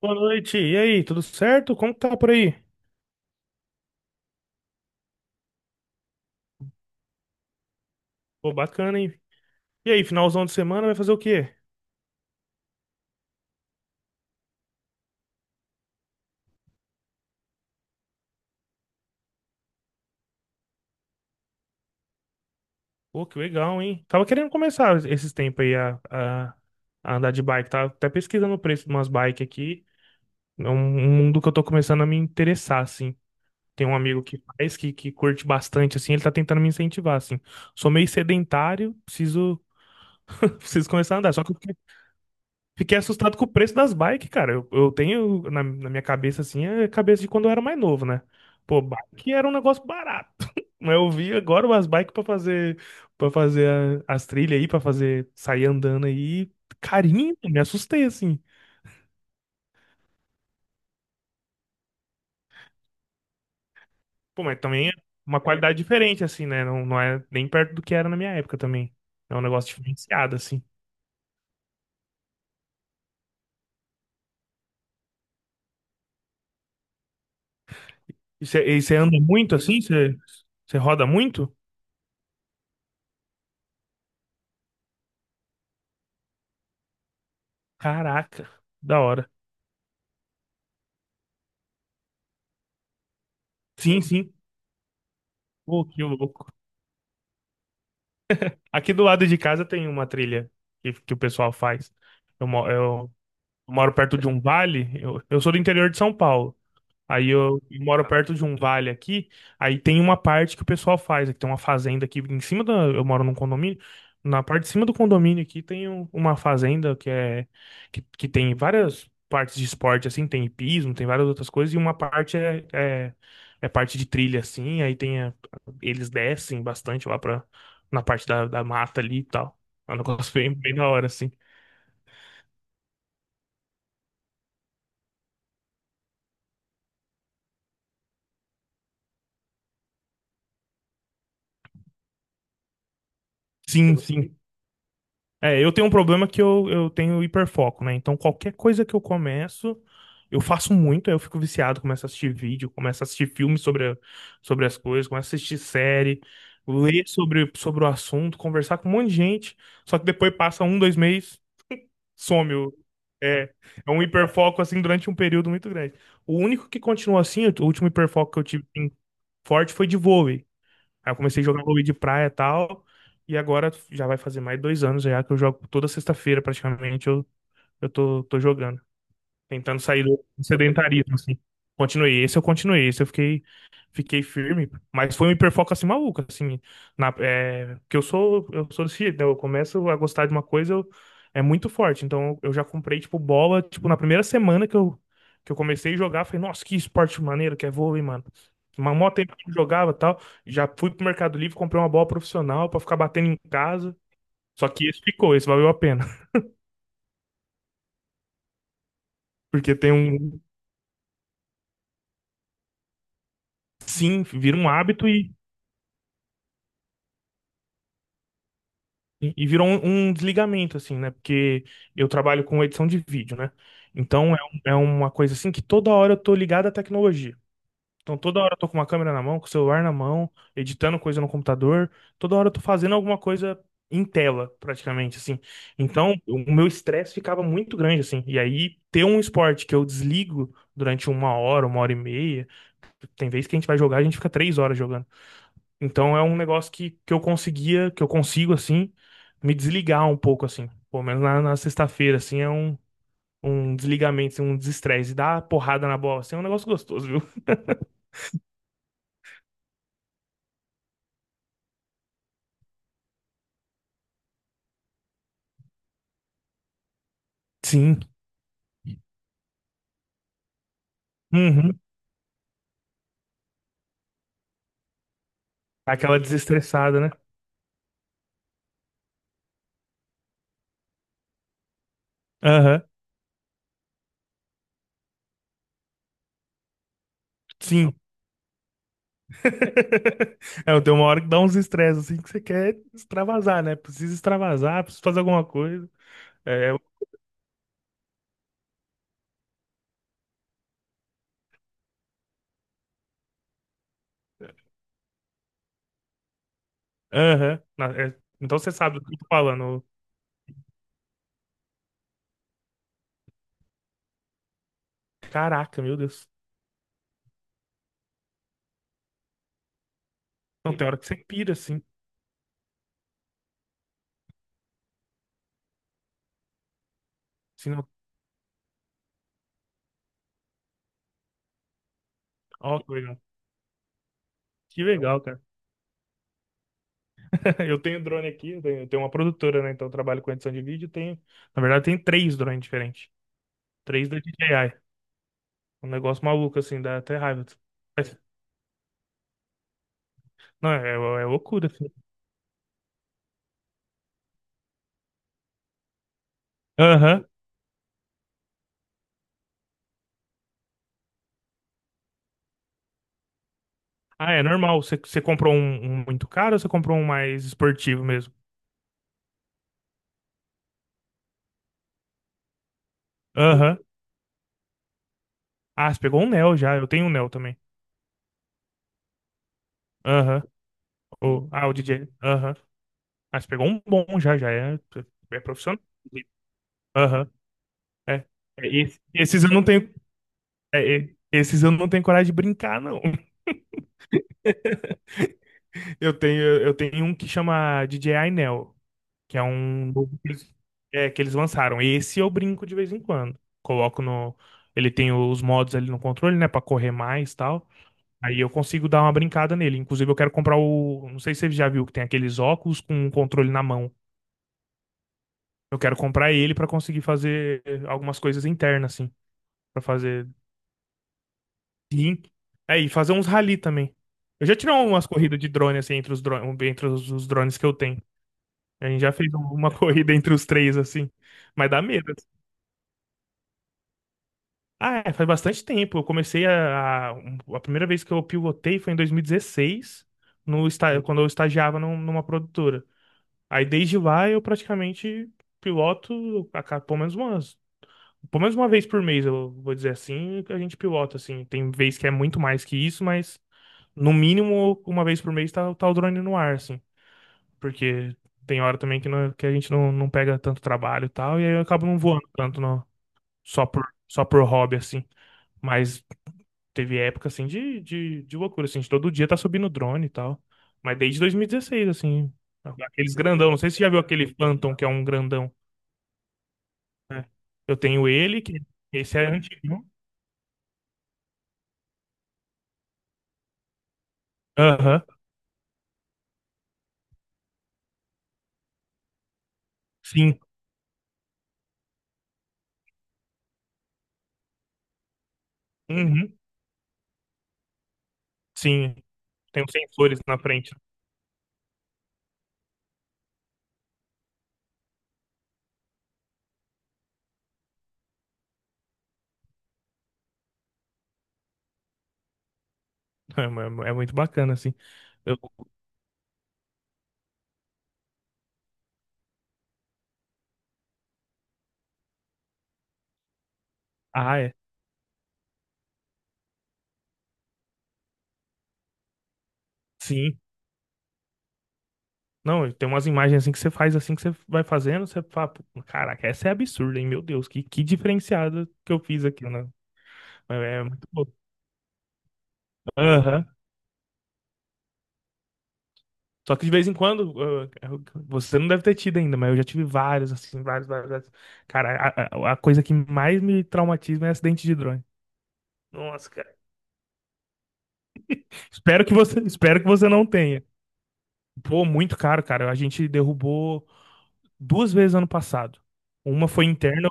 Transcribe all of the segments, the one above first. Boa noite. E aí, tudo certo? Como que tá por aí? Pô, bacana, hein? E aí, finalzão de semana vai fazer o quê? Pô, que legal, hein? Tava querendo começar esses tempos aí a andar de bike. Tava até pesquisando o preço de umas bikes aqui. É um mundo que eu tô começando a me interessar, assim. Tem um amigo que faz, que curte bastante, assim. Ele tá tentando me incentivar, assim. Sou meio sedentário, preciso, preciso começar a andar. Só que eu fiquei assustado com o preço das bikes, cara. Eu tenho na minha cabeça, assim, a cabeça de quando eu era mais novo, né? Pô, bike era um negócio barato. Mas eu vi agora umas bikes pra fazer, para fazer as trilhas aí, pra fazer, sair andando aí. Carinho, me assustei, assim. Pô, mas também é uma qualidade diferente, assim, né? Não é nem perto do que era na minha época também. É um negócio diferenciado, assim. E você anda muito, assim? Você roda muito? Caraca, da hora. Sim, sim. Pô, que louco. Aqui do lado de casa tem uma trilha que o pessoal faz. Eu moro perto de um vale, eu sou do interior de São Paulo. Aí eu moro perto de um vale aqui, aí tem uma parte que o pessoal faz, aqui tem uma fazenda aqui em cima da, eu moro num condomínio, na parte de cima do condomínio aqui tem uma fazenda que é que tem várias partes de esporte assim, tem hipismo, tem várias outras coisas e uma parte é parte de trilha assim, aí tem eles descem bastante lá para na parte da mata ali e tal. É um negócio bem, bem da hora assim. Sim, sim. É, eu tenho um problema que eu tenho hiperfoco, né? Então, qualquer coisa que eu começo, eu faço muito, aí eu fico viciado, começo a assistir vídeo, começo a assistir filmes sobre, sobre as coisas, começo a assistir série, ler sobre o assunto, conversar com um monte de gente, só que depois passa um, 2 meses, some. É, é, um hiperfoco, assim, durante um período muito grande. O único que continuou assim, o último hiperfoco que eu tive assim, forte foi de vôlei. Aí eu comecei a jogar vôlei de praia e tal. E agora já vai fazer mais 2 anos já que eu jogo toda sexta-feira praticamente. Eu tô jogando tentando sair do sedentarismo, assim. Continuei, esse eu fiquei, firme, mas foi um hiperfoco assim maluco, assim, porque eu sou desse jeito, né? Eu começo a gostar de uma coisa, é muito forte, então eu já comprei, tipo, bola, tipo, na primeira semana que eu comecei a jogar, falei, nossa, que esporte maneiro que é vôlei, mano. Mas mó tempo que eu jogava e tal, já fui pro Mercado Livre, comprei uma bola profissional pra ficar batendo em casa, só que esse ficou, esse valeu a pena, porque tem um, sim, vira um hábito. E virou um desligamento, assim, né? Porque eu trabalho com edição de vídeo, né? Então é uma coisa assim que toda hora eu tô ligado à tecnologia. Então toda hora eu tô com uma câmera na mão, com o celular na mão, editando coisa no computador. Toda hora eu tô fazendo alguma coisa em tela, praticamente, assim. Então o meu estresse ficava muito grande, assim. E aí ter um esporte que eu desligo durante 1 hora, 1 hora e meia. Tem vez que a gente vai jogar, a gente fica 3 horas jogando. Então é um negócio que eu conseguia, que eu consigo, assim, me desligar um pouco, assim. Pelo menos na sexta-feira, assim, é um desligamento, assim, um desestresse. E dar porrada na bola, assim, é um negócio gostoso, viu? Sim. Uhum. Aquela desestressada, né? Aham. Sim. É, tem uma hora que dá uns estresses, assim, que você quer extravasar, né? Precisa extravasar, precisa fazer alguma coisa. É, é, aham. Então você sabe do que eu tô falando. Caraca, meu Deus. Não, tem hora que você pira, assim. Ó, que legal. Que legal, cara. Eu tenho drone aqui, eu tenho uma produtora, né? Então eu trabalho com edição de vídeo. Tenho, na verdade, tem três drones diferentes. Três da DJI. Um negócio maluco, assim, dá até raiva. Mas, Não, é loucura, assim. Aham. Ah, é normal. Você comprou um muito caro ou você comprou um mais esportivo mesmo? Aham. Ah, você pegou um Neo já. Eu tenho um Neo também. Aham. Ah, o DJI. Aham. Ah, você pegou um bom já, já. É, é profissional. Aham. É. É, esses eu não tenho. Esses eu não tenho coragem de brincar, não. Eu tenho um que chama DJI Neo, que é um novo que eles lançaram. Esse eu brinco de vez em quando. Coloco no. Ele tem os modos ali no controle, né, pra correr mais e tal. Aí eu consigo dar uma brincada nele. Inclusive, eu quero comprar o. Não sei se você já viu que tem aqueles óculos com um controle na mão. Eu quero comprar ele pra conseguir fazer algumas coisas internas, assim. Pra fazer. Sim. É, e fazer uns rally também. Eu já tirei umas corridas de drone, assim, entre os drones, entre os drones que eu tenho. A gente já fez uma corrida entre os três, assim. Mas dá medo, assim. Ah, é, faz bastante tempo. Eu comecei a. um- A primeira vez que eu pivotei foi em 2016, no, esta- quando eu estagiava numa produtora. Aí desde lá eu praticamente piloto pelo menos umas. Pelo menos uma vez por mês, eu vou dizer assim, que a gente pilota, assim. Tem vez que é muito mais que isso, mas. No mínimo, uma vez por mês tá o drone no ar, assim. Porque tem hora também que, que a gente não pega tanto trabalho e tal, e aí eu acabo não voando tanto só por hobby, assim. Mas teve época, assim, de loucura, assim, de todo dia tá subindo drone e tal. Mas desde 2016, assim, aqueles grandão. Não sei se você já viu aquele Phantom, que é um grandão. Eu tenho ele, que esse é antigo. Aham, sim. Uhum, sim. Tem os sensores na frente. É, é muito bacana, assim. Eu- ah, é. Sim. Não, tem umas imagens assim que você faz assim que você vai fazendo, você fala, "Pô, caraca, essa é absurda, hein? Meu Deus, que diferenciada que eu fiz aqui, né?" É é muito bom. Aham. Só que de vez em quando, ah, você não deve ter tido ainda, mas eu já tive vários, assim, vários, vários, vários. Cara, a coisa que mais me traumatiza é acidente de drone. Nossa, cara. Espero que você não tenha. Pô, muito caro, cara. A gente derrubou duas vezes ano passado. Uma foi interna.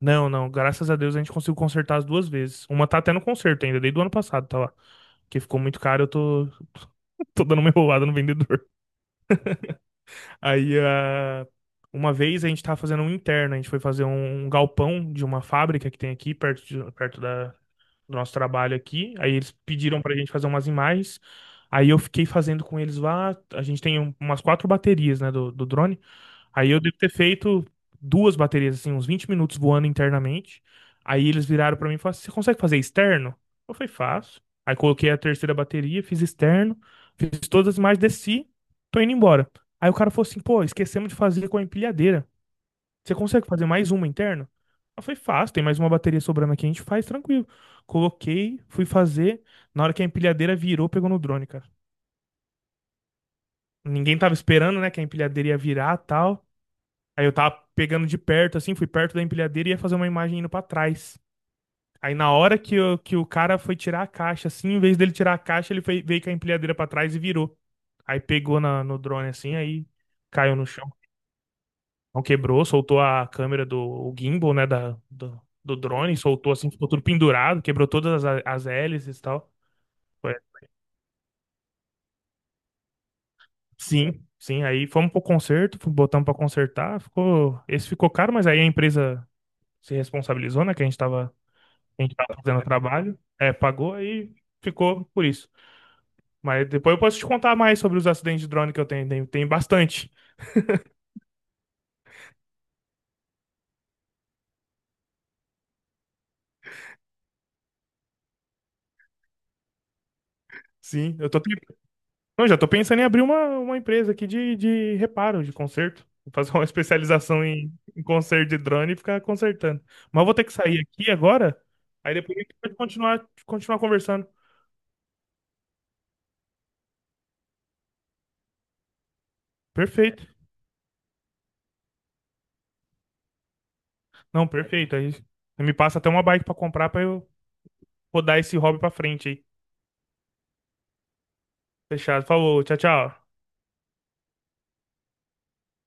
Não, não, graças a Deus a gente conseguiu consertar as duas vezes. Uma tá até no conserto ainda, desde o ano passado, tá lá. Porque ficou muito caro, eu tô, tô dando uma enrolada no vendedor. Aí, ah, uma vez a gente tava fazendo um interno, a gente foi fazer um galpão de uma fábrica que tem aqui, perto, perto da, do nosso trabalho aqui. Aí eles pediram pra gente fazer umas imagens. Aí eu fiquei fazendo com eles lá. A gente tem umas quatro baterias, né, do drone. Aí eu devo ter feito duas baterias, assim, uns 20 minutos voando internamente. Aí eles viraram pra mim e falaram assim: "Você consegue fazer externo?" Eu falei: "Faço." Aí coloquei a terceira bateria, fiz externo, fiz todas as imagens, desci, tô indo embora. Aí o cara falou assim: "Pô, esquecemos de fazer com a empilhadeira. Você consegue fazer mais uma interna?" Eu falei: "Fácil, tem mais uma bateria sobrando aqui, a gente faz tranquilo." Coloquei, fui fazer. Na hora que a empilhadeira virou, pegou no drone, cara. Ninguém tava esperando, né, que a empilhadeira ia virar tal. Aí eu tava pegando de perto, assim, fui perto da empilhadeira e ia fazer uma imagem indo pra trás. Aí na hora que o cara foi tirar a caixa, assim, em vez dele tirar a caixa, ele veio com a empilhadeira pra trás e virou. Aí pegou no drone, assim, aí caiu no chão. Não quebrou, soltou a câmera do o gimbal, né, do drone, soltou assim, ficou tudo pendurado, quebrou todas as hélices e tal. Foi- Sim, sim, aí fomos pro conserto, botamos pra consertar, ficou, esse ficou caro, mas aí a empresa se responsabilizou, né, que a gente tava fazendo o trabalho, pagou aí ficou por isso. Mas depois eu posso te contar mais sobre os acidentes de drone que eu tenho, tem bastante. Sim, Não, já tô pensando em abrir uma empresa aqui de reparo, de conserto. Vou fazer uma especialização em conserto de drone e ficar consertando. Mas eu vou ter que sair aqui agora, aí depois a gente pode continuar conversando. Perfeito. Não, perfeito. Aí você me passa até uma bike pra comprar pra eu rodar esse hobby pra frente aí. Fechado. Falou, tchau, tchau.